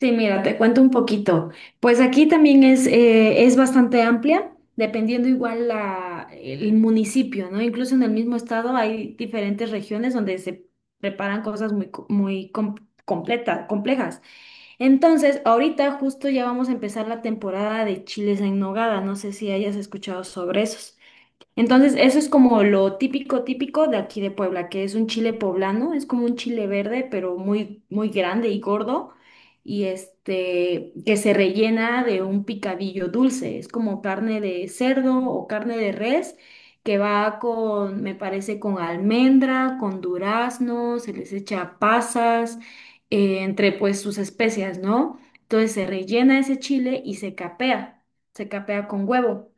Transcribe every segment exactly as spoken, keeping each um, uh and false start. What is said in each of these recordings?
Sí, mira, te cuento un poquito. Pues aquí también es, eh, es bastante amplia, dependiendo igual la, el municipio, ¿no? Incluso en el mismo estado hay diferentes regiones donde se preparan cosas muy, co- muy com- completa- complejas. Entonces, ahorita justo ya vamos a empezar la temporada de chiles en nogada. No sé si hayas escuchado sobre esos. Entonces, eso es como lo típico, típico de aquí de Puebla, que es un chile poblano, es como un chile verde, pero muy, muy grande y gordo, y este, que se rellena de un picadillo dulce, es como carne de cerdo o carne de res, que va con, me parece, con almendra, con durazno, se les echa pasas, eh, entre pues sus especias, ¿no? Entonces se rellena ese chile y se capea, se capea con huevo.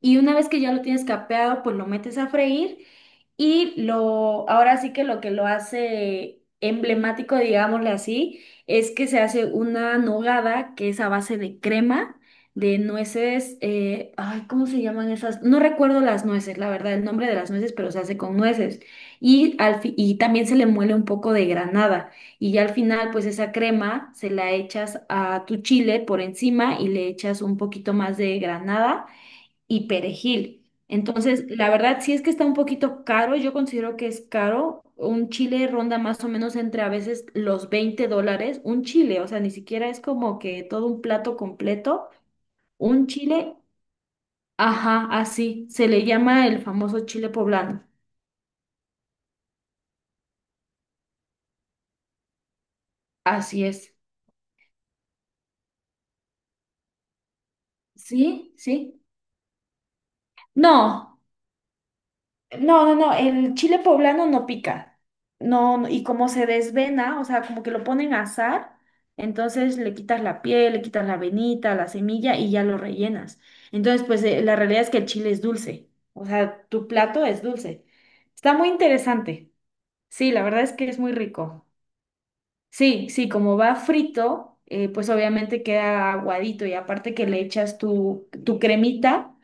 Y una vez que ya lo tienes capeado, pues lo metes a freír y lo, ahora sí que lo que lo hace emblemático, digámosle así, es que se hace una nogada que es a base de crema, de nueces, eh, ay, ¿cómo se llaman esas? No recuerdo las nueces, la verdad, el nombre de las nueces, pero se hace con nueces. Y, al fi- y también se le muele un poco de granada. Y ya al final, pues esa crema se la echas a tu chile por encima y le echas un poquito más de granada y perejil. Entonces, la verdad, sí es que está un poquito caro, yo considero que es caro. Un chile ronda más o menos entre a veces los veinte dólares, un chile, o sea, ni siquiera es como que todo un plato completo, un chile, ajá, así, se le llama el famoso chile poblano, así es. ¿Sí? ¿Sí? No. No, no, no, el chile poblano no pica. No, no, y como se desvena, o sea, como que lo ponen a asar, entonces le quitas la piel, le quitas la venita, la semilla y ya lo rellenas. Entonces, pues eh, la realidad es que el chile es dulce. O sea, tu plato es dulce. Está muy interesante. Sí, la verdad es que es muy rico. Sí, sí, como va frito, eh, pues obviamente queda aguadito y aparte que le echas tu, tu cremita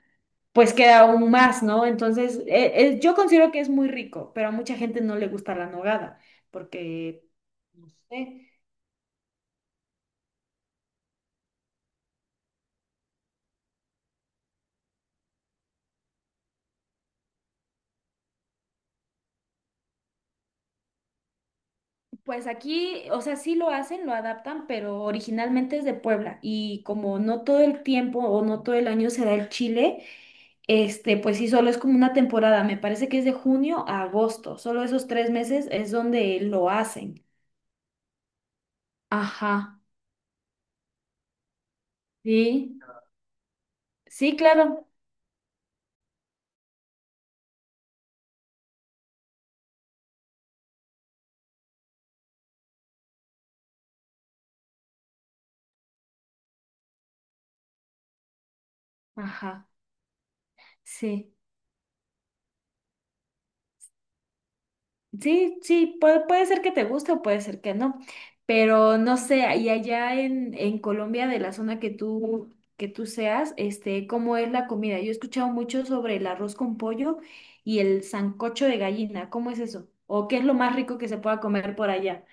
pues queda aún más, ¿no? Entonces, eh, eh, yo considero que es muy rico, pero a mucha gente no le gusta la nogada, porque, no sé, pues aquí, o sea, sí lo hacen, lo adaptan, pero originalmente es de Puebla y como no todo el tiempo o no todo el año se da el chile, este, pues sí, solo es como una temporada, me parece que es de junio a agosto, solo esos tres meses es donde lo hacen. Ajá, sí, sí, claro, ajá, sí. Sí, sí, puede, puede ser que te guste o puede ser que no, pero no sé, y allá en, en Colombia, de la zona que tú, que tú seas, este, ¿cómo es la comida? Yo he escuchado mucho sobre el arroz con pollo y el sancocho de gallina, ¿cómo es eso? ¿O qué es lo más rico que se pueda comer por allá?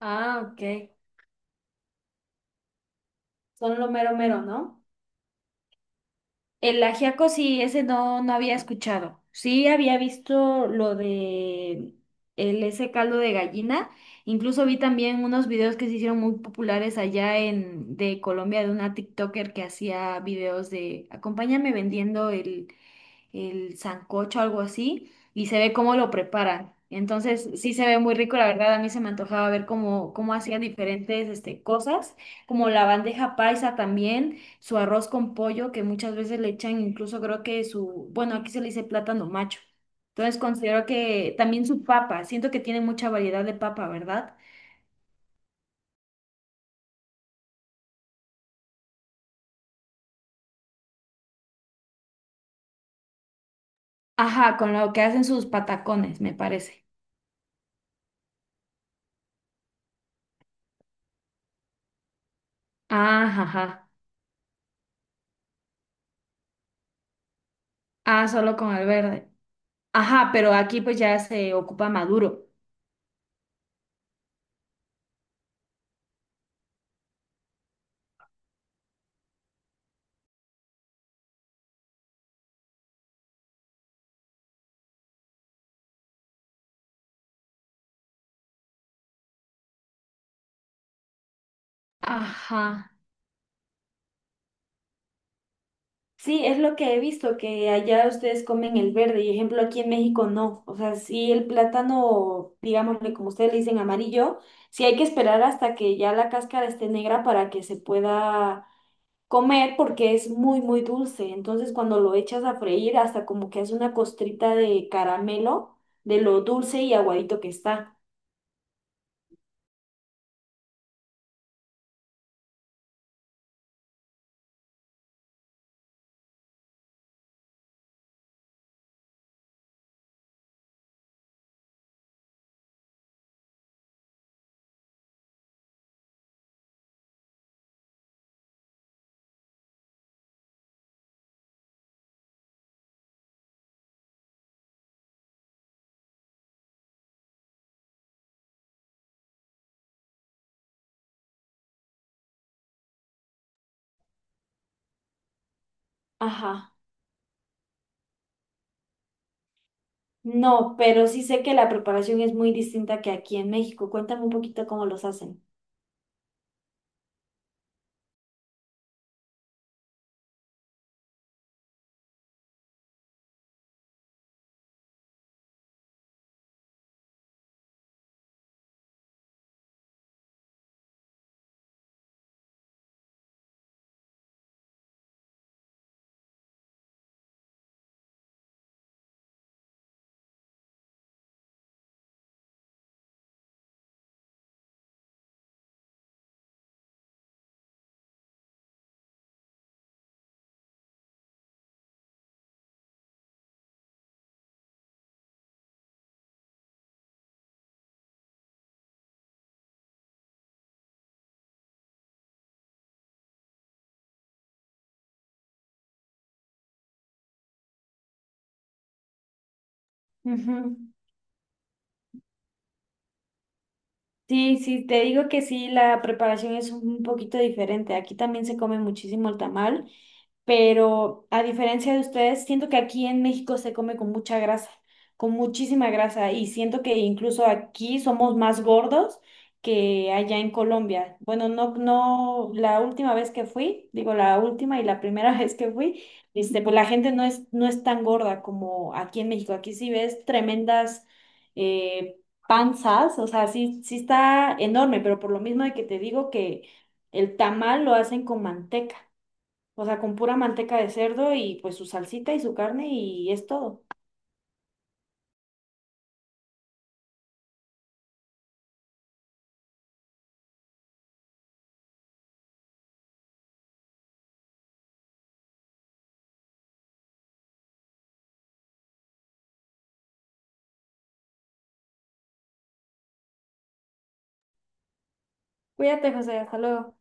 Ah, ok, son lo mero mero, ¿no? El ajiaco sí, ese no, no había escuchado. Sí había visto lo de el, ese caldo de gallina. Incluso vi también unos videos que se hicieron muy populares allá en de Colombia de una TikToker que hacía videos de acompáñame vendiendo el, el sancocho, algo así, y se ve cómo lo preparan. Entonces, sí se ve muy rico, la verdad, a mí se me antojaba ver cómo, cómo hacían diferentes este, cosas, como la bandeja paisa también, su arroz con pollo, que muchas veces le echan incluso creo que su, bueno, aquí se le dice plátano macho. Entonces considero que también su papa, siento que tiene mucha variedad de papa, ¿verdad? Ajá, con lo que hacen sus patacones, me parece. Ajá, ajá. Ah, solo con el verde. Ajá, pero aquí pues ya se ocupa maduro. Ajá. Sí, es lo que he visto, que allá ustedes comen el verde, y ejemplo aquí en México no. O sea, sí el plátano, digámosle como ustedes le dicen amarillo, sí hay que esperar hasta que ya la cáscara esté negra para que se pueda comer porque es muy, muy dulce. Entonces cuando lo echas a freír hasta como que hace una costrita de caramelo de lo dulce y aguadito que está. Ajá. No, pero sí sé que la preparación es muy distinta que aquí en México. Cuéntame un poquito cómo los hacen. Ujú. Sí, sí, te digo que sí, la preparación es un poquito diferente. Aquí también se come muchísimo el tamal, pero a diferencia de ustedes, siento que aquí en México se come con mucha grasa, con muchísima grasa, y siento que incluso aquí somos más gordos que allá en Colombia. Bueno, no, no, la última vez que fui, digo la última y la primera vez que fui, este, pues la gente no es, no es tan gorda como aquí en México. Aquí sí ves tremendas eh, panzas, o sea, sí, sí está enorme, pero por lo mismo de que te digo que el tamal lo hacen con manteca. O sea, con pura manteca de cerdo y pues su salsita y su carne y es todo. Cuídate, José, hasta luego.